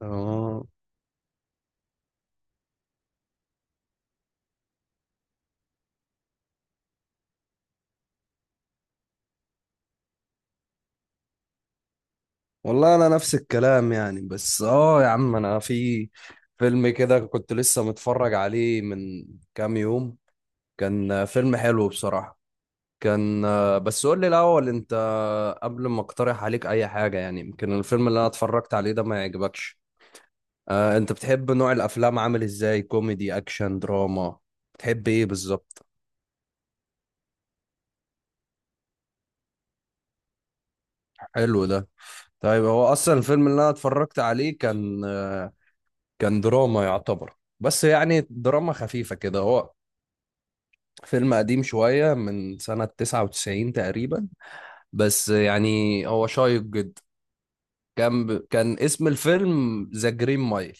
اه والله انا نفس الكلام يعني، بس يا عم، انا في فيلم كده كنت لسه متفرج عليه من كام يوم. كان فيلم حلو بصراحة. كان، بس قول لي الاول انت، قبل ما اقترح عليك اي حاجة، يعني يمكن الفيلم اللي انا اتفرجت عليه ده ما يعجبكش. آه، انت بتحب نوع الافلام عامل ازاي؟ كوميدي، اكشن، دراما؟ بتحب ايه بالظبط؟ حلو ده. طيب، هو اصلا الفيلم اللي انا اتفرجت عليه كان دراما يعتبر، بس يعني دراما خفيفة كده. هو فيلم قديم شوية من سنة 99 تقريبا، بس يعني هو شيق جدا. كان اسم الفيلم ذا جرين مايل.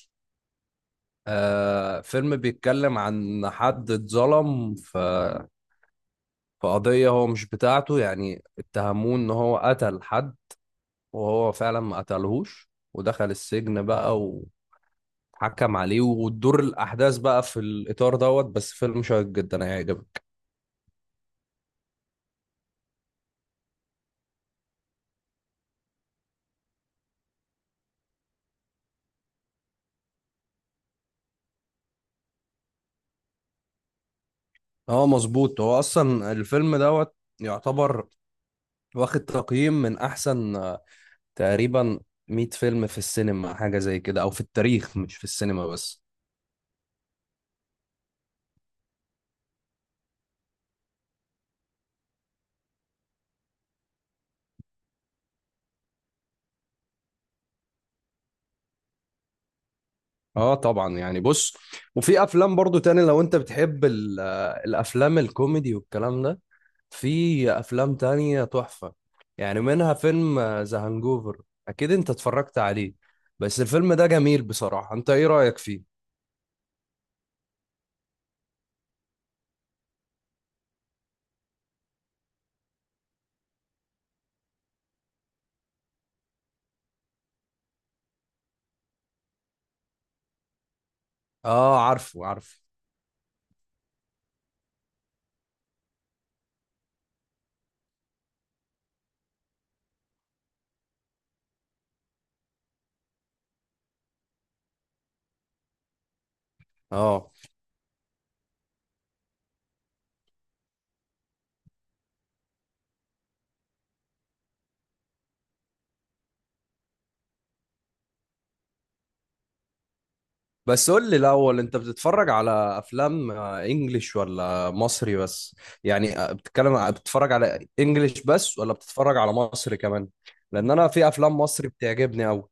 آه، فيلم بيتكلم عن حد اتظلم في قضية هو مش بتاعته، يعني اتهموه ان هو قتل حد وهو فعلا ما قتلهوش، ودخل السجن بقى وحكم عليه، وتدور الأحداث بقى في الإطار دوت. بس فيلم شيق جدا، هيعجبك. اه مظبوط، هو اصلا الفيلم دوت يعتبر واخد تقييم من احسن، تقريبا 100 فيلم في السينما، حاجه زي كده، او في التاريخ، مش في السينما بس. اه طبعا يعني بص، وفي افلام برضو تاني لو انت بتحب الافلام الكوميدي والكلام ده، في افلام تانية تحفه، يعني منها فيلم ذا هانجوفر. اكيد انت اتفرجت عليه، بس الفيلم ده جميل بصراحه. انت ايه رايك فيه؟ اه، عارفه عارفه. اه، بس قول لي الأول، أنت بتتفرج على أفلام إنجليش ولا مصري بس؟ يعني بتتكلم بتتفرج على إنجليش بس ولا بتتفرج على مصري كمان؟ لأن أنا في أفلام مصري بتعجبني أوي.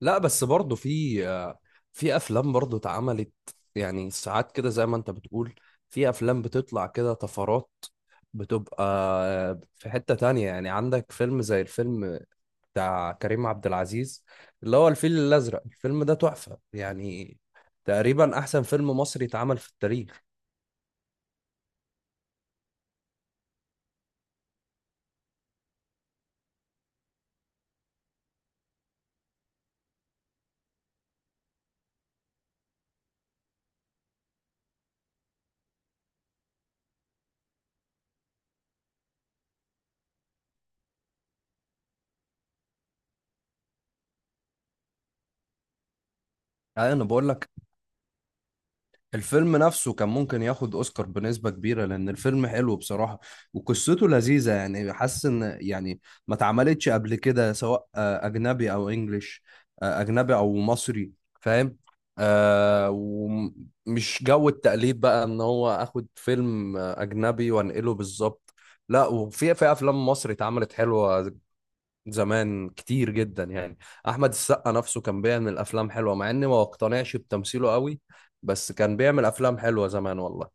لا بس برضه في أفلام برضه اتعملت، يعني ساعات كده زي ما أنت بتقول، في أفلام بتطلع كده طفرات، بتبقى في حتة تانية. يعني عندك فيلم زي الفيلم بتاع كريم عبد العزيز، اللي هو الفيل الأزرق. الفيلم ده تحفة يعني، تقريبا أحسن فيلم مصري اتعمل في التاريخ. أنا بقول لك، الفيلم نفسه كان ممكن ياخد اوسكار بنسبة كبيرة، لان الفيلم حلو بصراحة وقصته لذيذة، يعني حاسس ان يعني ما اتعملتش قبل كده، سواء اجنبي او انجليش، اجنبي او مصري، فاهم؟ آه، ومش جو التقليد بقى، ان هو اخد فيلم اجنبي وانقله بالظبط. لا، وفي افلام مصري اتعملت حلوة زمان، كتير جدا يعني. احمد السقا نفسه كان بيعمل افلام حلوه، مع اني ما اقتنعش بتمثيله قوي، بس كان بيعمل افلام حلوه زمان والله.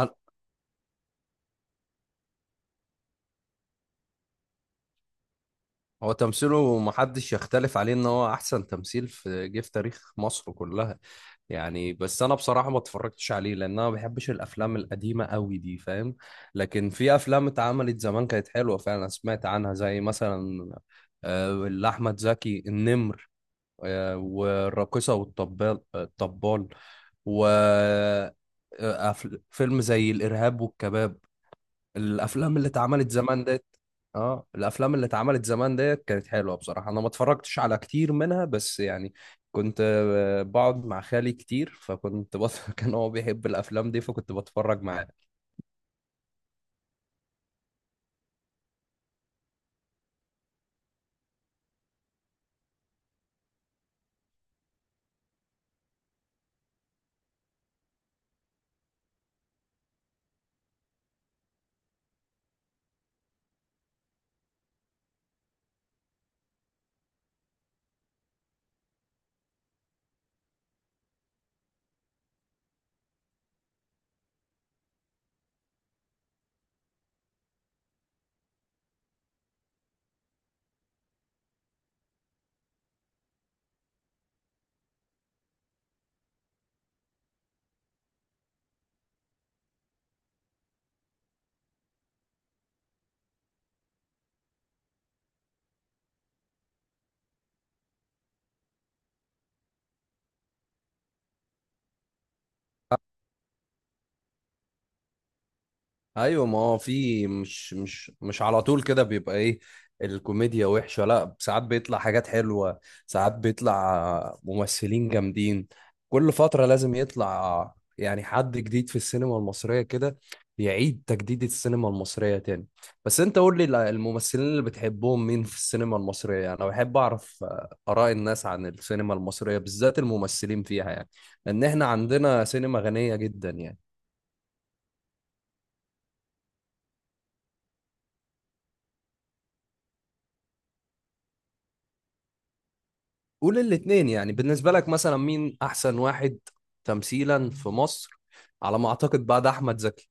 أنا- هو تمثيله محدش يختلف عليه، ان هو احسن تمثيل في جه في تاريخ مصر كلها يعني. بس انا بصراحه ما اتفرجتش عليه، لان انا ما بحبش الافلام القديمه قوي دي، فاهم. لكن في افلام اتعملت زمان كانت حلوه فعلا، أنا سمعت عنها، زي مثلا اللي احمد زكي، النمر. والراقصه والطبال، الطبال، و فيلم زي الإرهاب والكباب. الأفلام اللي اتعملت زمان ديت. اه، الأفلام اللي اتعملت زمان ديت كانت حلوة بصراحة، أنا ما اتفرجتش على كتير منها بس يعني كنت بقعد مع خالي كتير، كان هو بيحب الأفلام دي فكنت بتفرج معاه. ايوه، ما هو في مش على طول كده بيبقى ايه الكوميديا وحشه، لا ساعات بيطلع حاجات حلوه، ساعات بيطلع ممثلين جامدين. كل فتره لازم يطلع يعني حد جديد في السينما المصريه كده، يعيد تجديد السينما المصريه تاني. بس انت قول لي الممثلين اللي بتحبهم مين في السينما المصريه؟ يعني انا بحب اعرف اراء الناس عن السينما المصريه، بالذات الممثلين فيها يعني، لان احنا عندنا سينما غنيه جدا يعني. قول الاتنين، يعني بالنسبة لك مثلا مين أحسن واحد تمثيلا في مصر، على ما أعتقد بعد أحمد زكي؟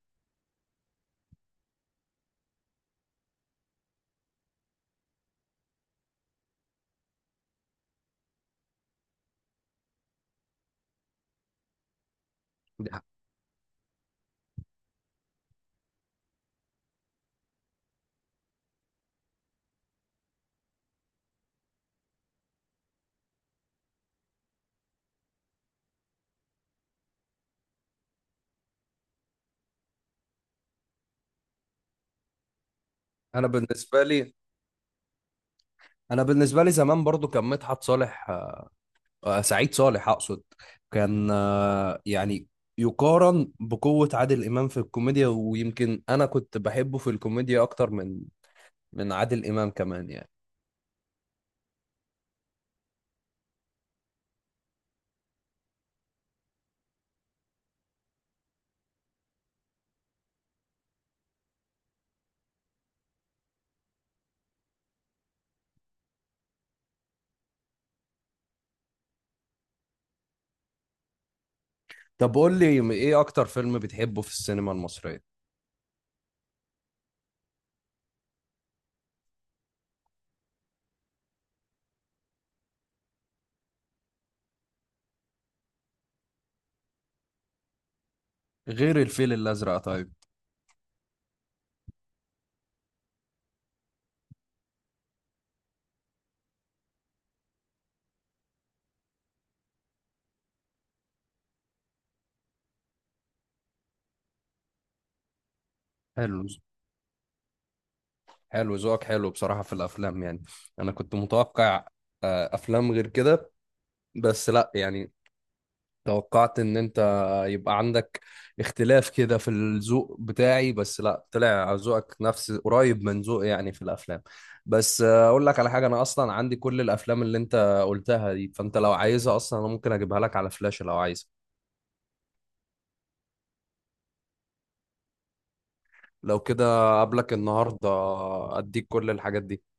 ده- أنا بالنسبة لي أنا بالنسبة لي زمان برضو كان مدحت صالح، سعيد صالح أقصد. كان يعني يقارن بقوة عادل إمام في الكوميديا، ويمكن أنا كنت بحبه في الكوميديا أكتر من عادل إمام كمان يعني. طب قول لي، إيه أكتر فيلم بتحبه في السينما المصرية غير الفيل الأزرق؟ طيب، حلو حلو، ذوقك حلو بصراحة في الأفلام يعني. أنا كنت متوقع أفلام غير كده، بس لأ يعني، توقعت إن أنت يبقى عندك اختلاف كده في الذوق بتاعي، بس لأ، طلع ذوقك نفس، قريب من ذوقي يعني في الأفلام. بس أقول لك على حاجة، أنا أصلا عندي كل الأفلام اللي أنت قلتها دي، فأنت لو عايزها أصلا أنا ممكن أجيبها لك على فلاشة لو عايز. لو كده قبلك النهاردة، أديك كل الحاجات دي.